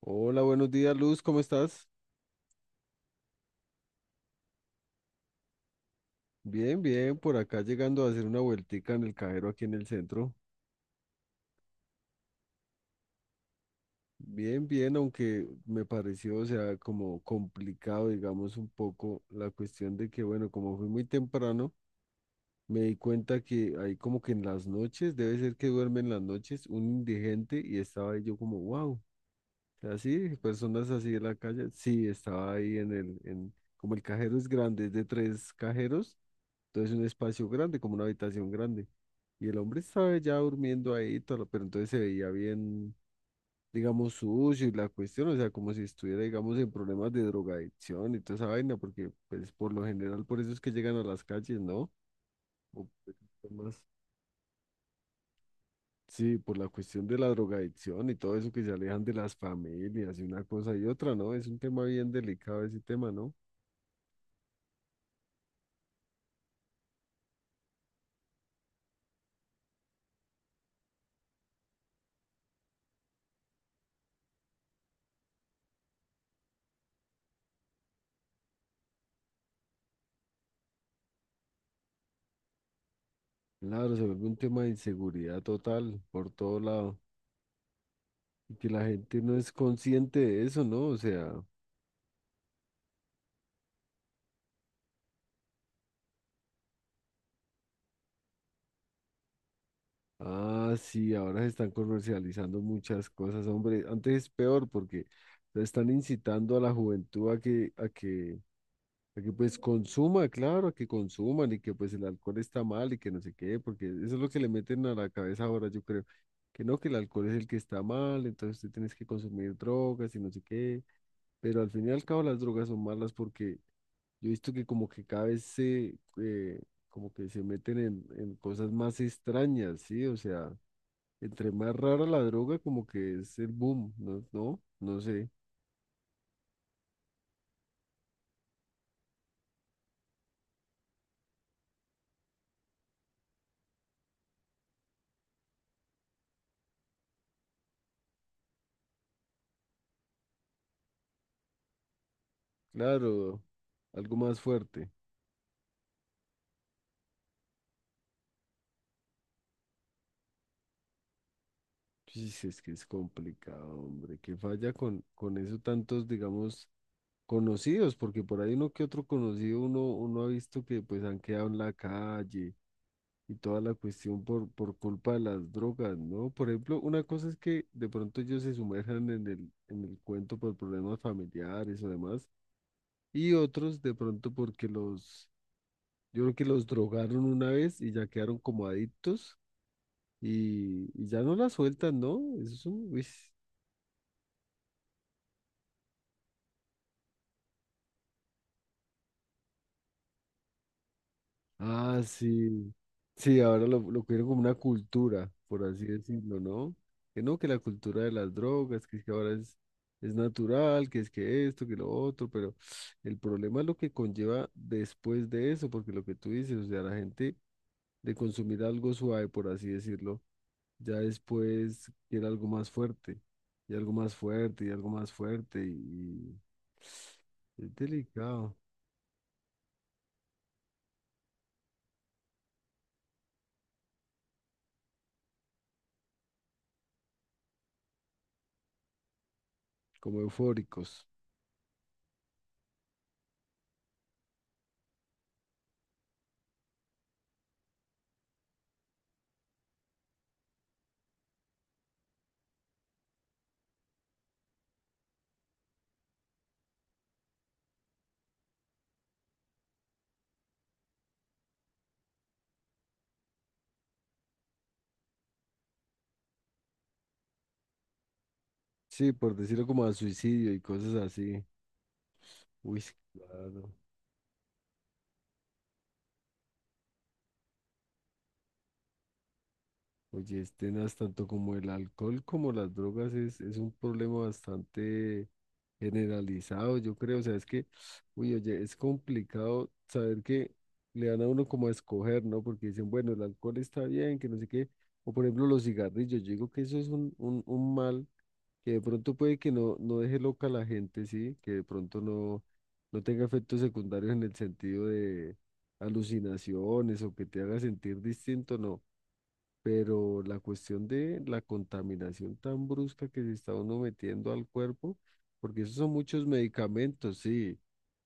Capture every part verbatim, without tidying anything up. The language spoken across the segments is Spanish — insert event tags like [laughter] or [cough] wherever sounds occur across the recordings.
Hola, buenos días, Luz, ¿cómo estás? Bien, bien, por acá llegando a hacer una vueltica en el cajero aquí en el centro. Bien, bien, aunque me pareció, o sea, como complicado, digamos, un poco la cuestión de que, bueno, como fui muy temprano, me di cuenta que ahí como que en las noches, debe ser que duermen las noches, un indigente, y estaba ahí yo como, wow, así, personas así en la calle, sí, estaba ahí en el, en, como el cajero es grande, es de tres cajeros, entonces un espacio grande, como una habitación grande. Y el hombre estaba ya durmiendo ahí, todo, pero entonces se veía bien, digamos, sucio y la cuestión, o sea, como si estuviera, digamos, en problemas de drogadicción y toda esa vaina, porque, pues, por lo general, por eso es que llegan a las calles, ¿no? O, pues, sí, por la cuestión de la drogadicción y todo eso que se alejan de las familias y una cosa y otra, ¿no? Es un tema bien delicado ese tema, ¿no? Claro, se vuelve un tema de inseguridad total por todo lado, y que la gente no es consciente de eso, ¿no? O sea... Ah, sí, ahora se están comercializando muchas cosas, hombre. Antes es peor porque se están incitando a la juventud a que, a que, a que pues consuma, claro, a que consuman, y que pues el alcohol está mal y que no sé qué, porque eso es lo que le meten a la cabeza ahora, yo creo, que no, que el alcohol es el que está mal, entonces tú tienes que consumir drogas y no sé qué, pero al fin y al cabo las drogas son malas porque yo he visto que como que cada vez se, eh, como que se meten en, en cosas más extrañas, ¿sí? O sea... Entre más rara la droga, como que es el boom, ¿no? No, no sé. Claro, algo más fuerte. Sí, es que es complicado, hombre. Qué falla con, con eso tantos, digamos, conocidos, porque por ahí uno que otro conocido, uno, uno ha visto que pues han quedado en la calle y toda la cuestión por, por culpa de las drogas, ¿no? Por ejemplo, una cosa es que de pronto ellos se sumerjan en el, en el cuento por problemas familiares o demás, y otros de pronto porque los... Yo creo que los drogaron una vez y ya quedaron como adictos y, y ya no la sueltan, ¿no? Eso es un... uy. Ah, sí. Sí, ahora lo, lo quieren como una cultura, por así decirlo, ¿no? Que no, que la cultura de las drogas, que es que ahora es, es natural, que es que esto, que lo otro, pero el problema es lo que conlleva después de eso, porque lo que tú dices, o sea, la gente de consumir algo suave, por así decirlo, ya después quiere algo más fuerte, y algo más fuerte, y algo más fuerte, y y es delicado, como eufóricos. Sí, por decirlo como a suicidio y cosas así. Uy, sí, claro. Oye, este, Nas, tanto como el alcohol como las drogas es, es un problema bastante generalizado, yo creo, o sea, es que, uy, oye, es complicado saber que le dan a uno como a escoger, ¿no? Porque dicen, bueno, el alcohol está bien, que no sé qué, o por ejemplo los cigarrillos, yo digo que eso es un, un, un mal que de pronto puede que no, no deje loca a la gente, ¿sí? Que de pronto no, no tenga efectos secundarios en el sentido de alucinaciones o que te haga sentir distinto, no. Pero la cuestión de la contaminación tan brusca que se está uno metiendo al cuerpo, porque esos son muchos medicamentos, sí.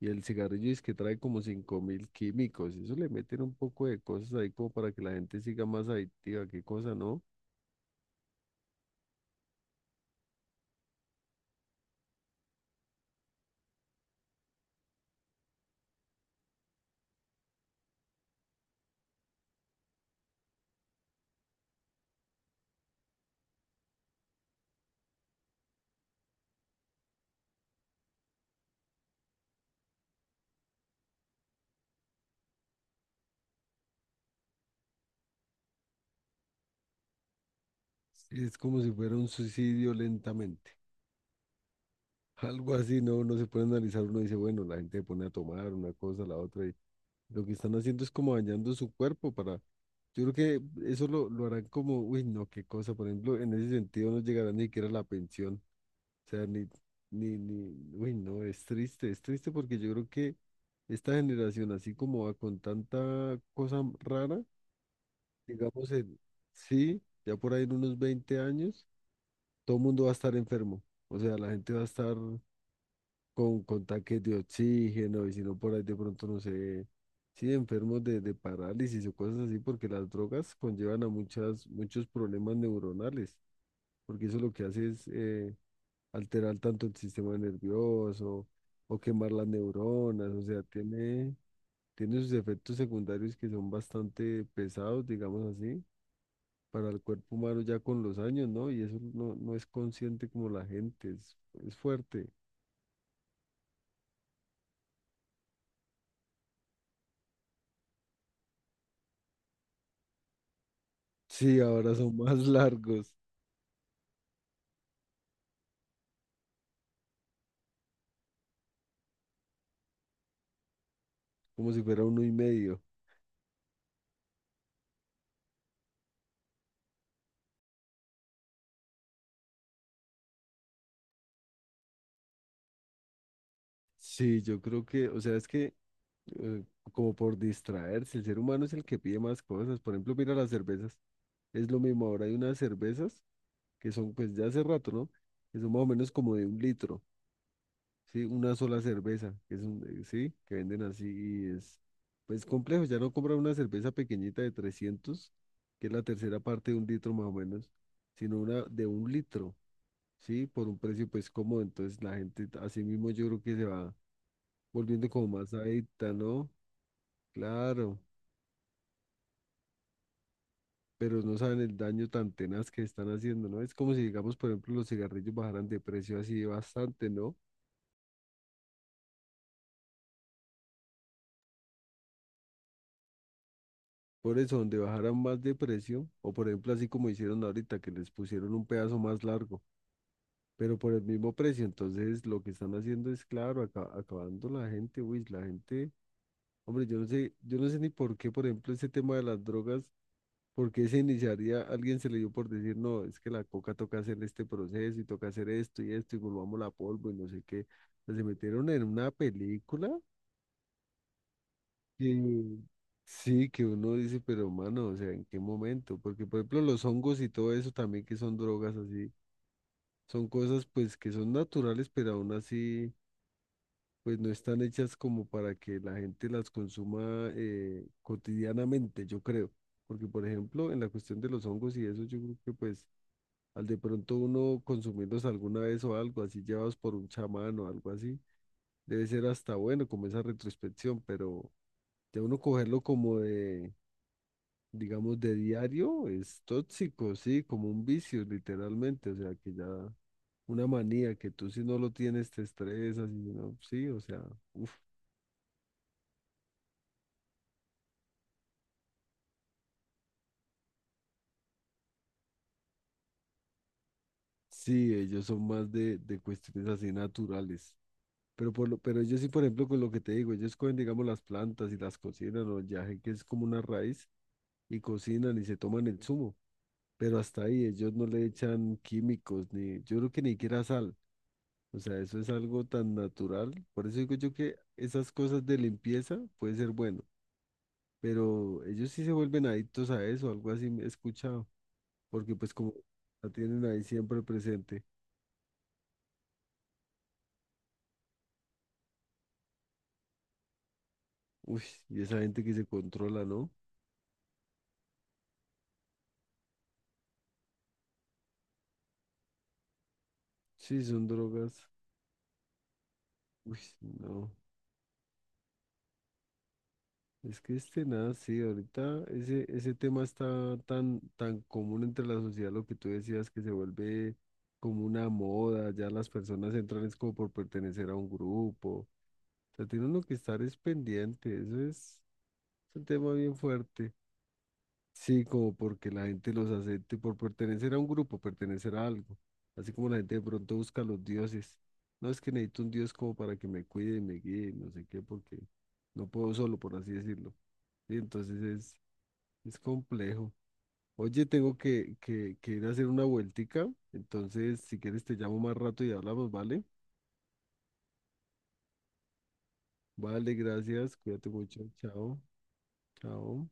Y el cigarrillo es que trae como cinco mil químicos. Eso le meten un poco de cosas ahí como para que la gente siga más adictiva. Qué cosa, ¿no? Es como si fuera un suicidio lentamente. [laughs] Algo así, ¿no? Uno se puede analizar, uno dice, bueno, la gente se pone a tomar una cosa, la otra. Y lo que están haciendo es como dañando su cuerpo para... Yo creo que eso lo, lo harán como, uy, no, qué cosa, por ejemplo, en ese sentido no llegará ni siquiera la pensión, o sea, ni, ni, ni, uy, no, es triste, es triste porque yo creo que esta generación, así como va con tanta cosa rara, digamos, en- sí, ya por ahí en unos veinte años, todo el mundo va a estar enfermo, o sea, la gente va a estar con, con tanques de oxígeno, y si no por ahí de pronto no sé, sí, enfermos de, de parálisis o cosas así, porque las drogas conllevan a muchas, muchos problemas neuronales, porque eso lo que hace es eh, alterar tanto el sistema nervioso o quemar las neuronas, o sea, tiene, tiene sus efectos secundarios que son bastante pesados, digamos así, para el cuerpo humano ya con los años, ¿no? Y eso no, no es consciente como la gente, es, es fuerte. Sí, ahora son [laughs] más largos. Como si fuera uno y medio. Sí, yo creo que, o sea, es que eh, como por distraerse, el ser humano es el que pide más cosas. Por ejemplo, mira las cervezas, es lo mismo. Ahora hay unas cervezas que son, pues ya hace rato, ¿no? Que son más o menos como de un litro, ¿sí? Una sola cerveza, que es un, eh, sí, que venden así y es, pues complejo. Ya no compran una cerveza pequeñita de trescientos, que es la tercera parte de un litro más o menos, sino una de un litro, ¿sí? Por un precio pues cómodo. Entonces la gente, así mismo yo creo que se va volviendo como más adicta, ¿no? Claro, pero no saben el daño tan tenaz que están haciendo, ¿no? Es como si, digamos, por ejemplo, los cigarrillos bajaran de precio así bastante, ¿no? Por eso, donde bajaran más de precio, o por ejemplo, así como hicieron ahorita, que les pusieron un pedazo más largo, pero por el mismo precio, entonces lo que están haciendo es, claro, aca- acabando la gente, uy, la gente, hombre, yo no sé, yo no sé ni por qué, por ejemplo, ese tema de las drogas. Porque se iniciaría, alguien se le dio por decir, no, es que la coca toca hacer este proceso y toca hacer esto y esto y volvamos la polvo y no sé qué. O sea, se metieron en una película que sí, que uno dice, pero mano, o sea, ¿en qué momento? Porque, por ejemplo, los hongos y todo eso también que son drogas así, son cosas pues que son naturales, pero aún así, pues no están hechas como para que la gente las consuma eh, cotidianamente, yo creo. Porque, por ejemplo, en la cuestión de los hongos y eso, yo creo que pues al de pronto uno consumirlos alguna vez o algo así, llevados por un chamán o algo así, debe ser hasta bueno como esa retrospección, pero de uno cogerlo como de, digamos, de diario es tóxico, sí, como un vicio literalmente, o sea, que ya una manía que tú si no lo tienes te estresas y si no, sí, o sea, uff, sí, ellos son más de, de cuestiones así naturales. Pero, por lo, pero ellos sí, por ejemplo, con lo que te digo, ellos cogen, digamos, las plantas y las cocinan, o el yaje, que es como una raíz, y cocinan y se toman el zumo, pero hasta ahí ellos no le echan químicos ni yo creo que ni siquiera sal. O sea, eso es algo tan natural. Por eso digo yo que esas cosas de limpieza puede ser bueno, pero ellos sí se vuelven adictos a eso, algo así me he escuchado, porque pues como la tienen ahí siempre presente. Uy, y esa gente que se controla, ¿no? Sí, son drogas. Uy, no. Es que este nada, sí, ahorita ese, ese tema está tan, tan común entre la sociedad, lo que tú decías, que se vuelve como una moda, ya las personas entran es como por pertenecer a un grupo, o sea, tiene uno que estar es pendiente, eso es, un tema bien fuerte, sí, como porque la gente los acepte por pertenecer a un grupo, pertenecer a algo, así como la gente de pronto busca a los dioses, no, es que necesito un dios como para que me cuide y me guíe, no sé qué, porque no puedo solo, por así decirlo. Y entonces es complejo. Oye, tengo que, que, que ir a hacer una vueltica. Entonces, si quieres, te llamo más rato y hablamos, ¿vale? Vale, gracias. Cuídate mucho. Chao. Chao.